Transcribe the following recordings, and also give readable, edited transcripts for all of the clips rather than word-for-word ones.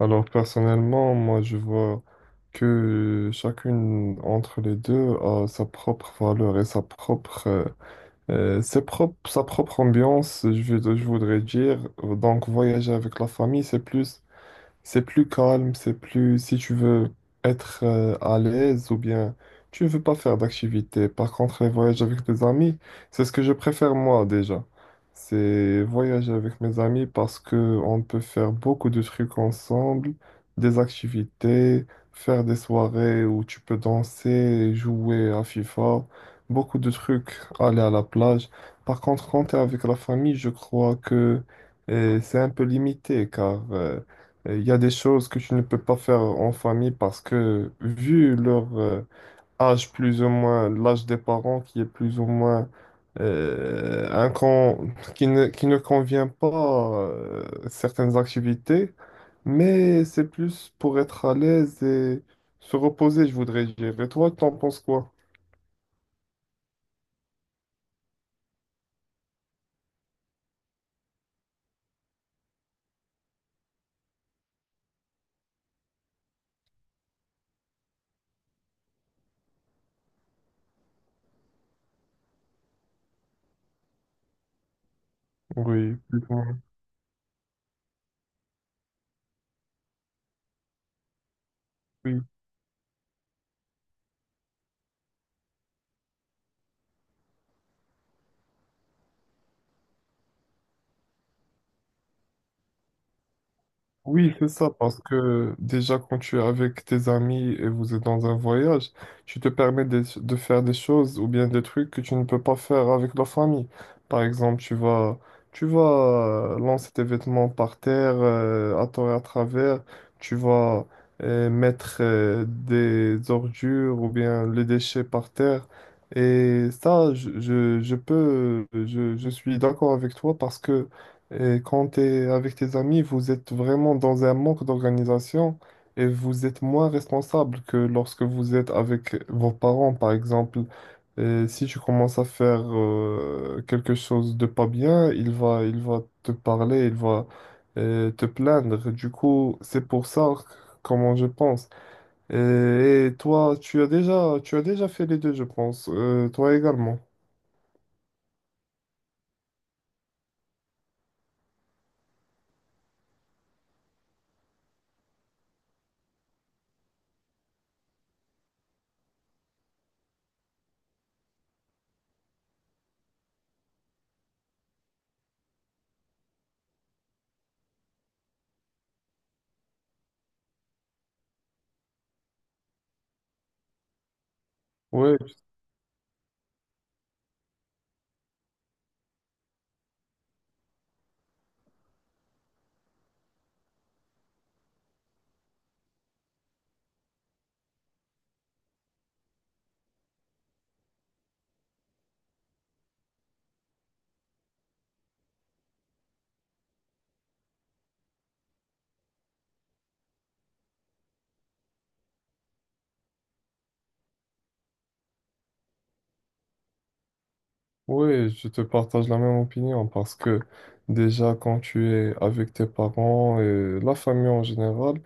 Alors personnellement, moi je vois que chacune entre les deux a sa propre valeur et sa propre, sa propre ambiance, je voudrais dire. Donc voyager avec la famille, c'est plus calme, c'est plus si tu veux être à l'aise ou bien tu ne veux pas faire d'activité. Par contre, les voyages avec tes amis, c'est ce que je préfère moi déjà. C'est voyager avec mes amis parce que on peut faire beaucoup de trucs ensemble, des activités, faire des soirées où tu peux danser, jouer à FIFA, beaucoup de trucs, aller à la plage. Par contre, quand tu es avec la famille, je crois que c'est un peu limité car il y a des choses que tu ne peux pas faire en famille parce que vu leur âge plus ou moins, l'âge des parents qui est plus ou moins qui ne convient pas certaines activités, mais c'est plus pour être à l'aise et se reposer, je voudrais dire. Et toi, t'en penses quoi? Oui, plus ou moins. Oui, c'est ça, parce que déjà quand tu es avec tes amis et vous êtes dans un voyage, tu te permets de faire des choses ou bien des trucs que tu ne peux pas faire avec la famille. Par exemple, tu vas lancer tes vêtements par terre, à tort et à travers, tu vas mettre des ordures ou bien les déchets par terre. Et ça, je suis d'accord avec toi parce que et quand tu es avec tes amis, vous êtes vraiment dans un manque d'organisation et vous êtes moins responsable que lorsque vous êtes avec vos parents, par exemple. Et si tu commences à faire quelque chose de pas bien, il va te parler, il va te plaindre. Du coup, c'est pour ça comment je pense. Et toi, tu as déjà fait les deux, je pense. Toi également. Oui. Oui, je te partage la même opinion parce que déjà quand tu es avec tes parents et la famille en général,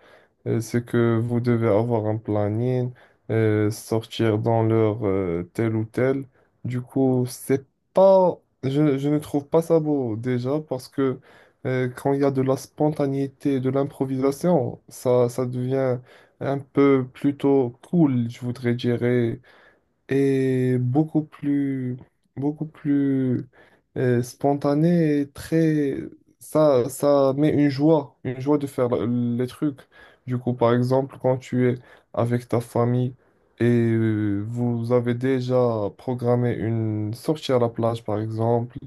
c'est que vous devez avoir un planning, sortir dans l'heure telle ou telle. Du coup, c'est pas, je ne trouve pas ça beau déjà parce que quand il y a de la spontanéité, de l'improvisation, ça devient un peu plutôt cool, je voudrais dire et beaucoup plus spontané et très... Ça met une joie de faire les trucs. Du coup, par exemple, quand tu es avec ta famille et vous avez déjà programmé une sortie à la plage, par exemple,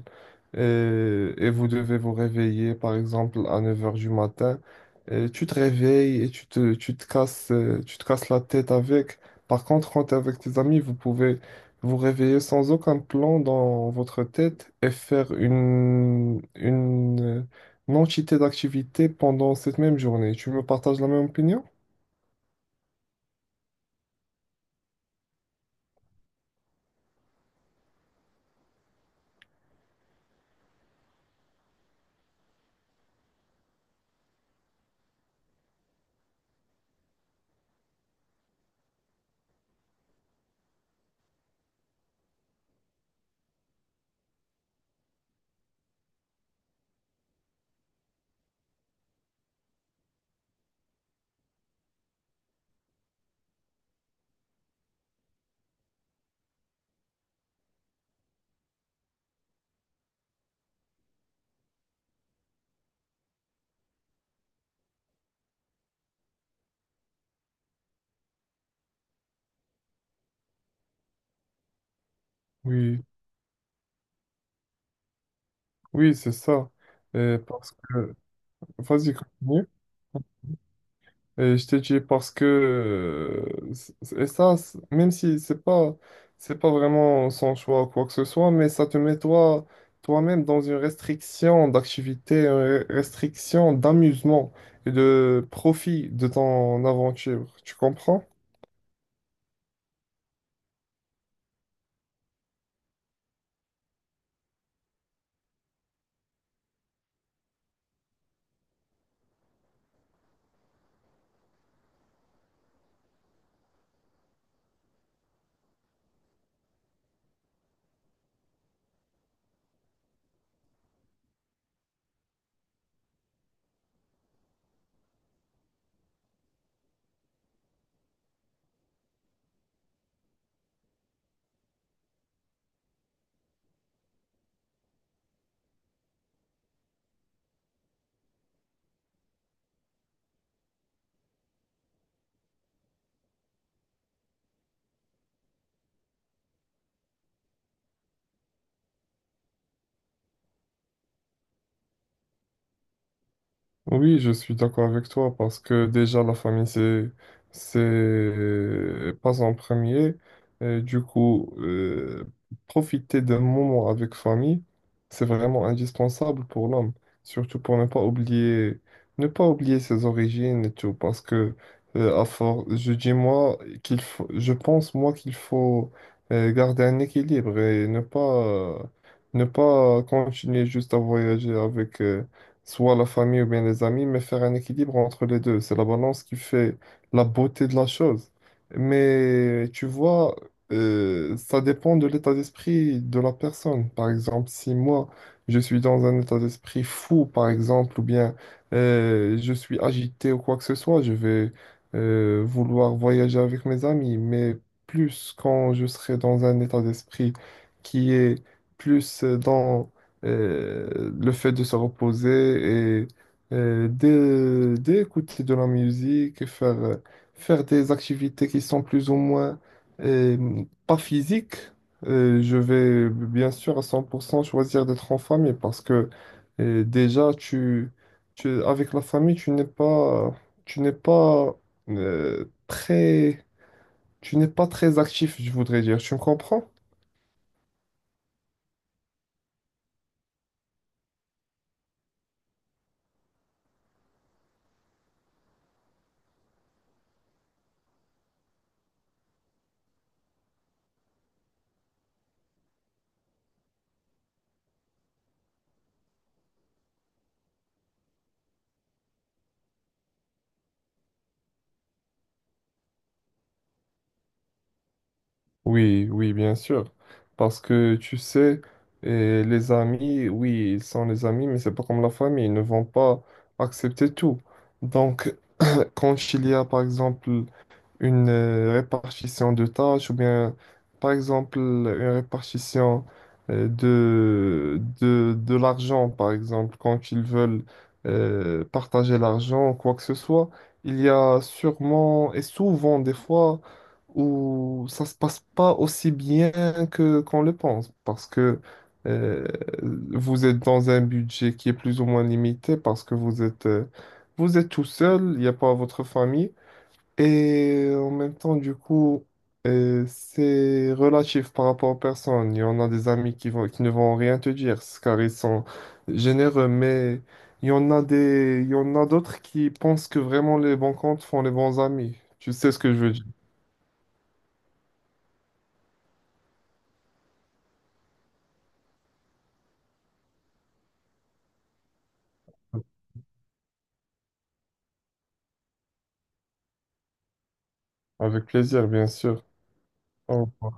et, et vous devez vous réveiller, par exemple, à 9 heures du matin, et tu te réveilles et tu te casses la tête avec. Par contre, quand t'es avec tes amis, vous pouvez vous réveiller sans aucun plan dans votre tête et faire une entité d'activité pendant cette même journée. Tu me partages la même opinion? Oui, oui, c'est ça. Parce que... Vas-y, continue. Et je t'ai dit parce que même si c'est pas vraiment son choix ou quoi que ce soit, mais ça te met toi toi-même dans une restriction d'activité, restriction d'amusement et de profit de ton aventure. Tu comprends? Oui, je suis d'accord avec toi parce que déjà la famille c'est pas en premier. Et du coup, profiter d'un moment avec famille, c'est vraiment indispensable pour l'homme, surtout pour ne pas oublier ne pas oublier ses origines et tout parce que à force, je pense moi qu'il faut garder un équilibre et ne pas continuer juste à voyager avec soit la famille ou bien les amis, mais faire un équilibre entre les deux. C'est la balance qui fait la beauté de la chose. Mais tu vois, ça dépend de l'état d'esprit de la personne. Par exemple, si moi, je suis dans un état d'esprit fou, par exemple, ou bien je suis agité ou quoi que ce soit, je vais vouloir voyager avec mes amis. Mais plus quand je serai dans un état d'esprit qui est plus dans le fait de se reposer et d'écouter de la musique et faire des activités qui sont plus ou moins euh, pas physiques. Je vais bien sûr à 100% choisir d'être en famille parce que déjà, avec la famille, tu n'es pas euh, très, tu n'es pas très actif, je voudrais dire. Tu me comprends? Oui, oui, bien sûr. Parce que tu sais, les amis, oui, ils sont les amis, mais c'est pas comme la famille, ils ne vont pas accepter tout. Donc, quand il y a, par exemple, une répartition de tâches ou bien, par exemple, une répartition de l'argent, par exemple, quand ils veulent partager l'argent, ou quoi que ce soit, il y a sûrement et souvent des fois où ça se passe pas aussi bien que qu'on le pense, parce que euh, vous êtes dans un budget qui est plus ou moins limité, parce que vous êtes tout seul, il n'y a pas votre famille. Et en même temps, du coup, c'est relatif par rapport aux personnes. Il y en a des amis qui ne vont rien te dire, c'est car ils sont généreux, mais il y en a d'autres qui pensent que vraiment les bons comptes font les bons amis. Tu sais ce que je veux dire? Avec plaisir, bien sûr. Au revoir.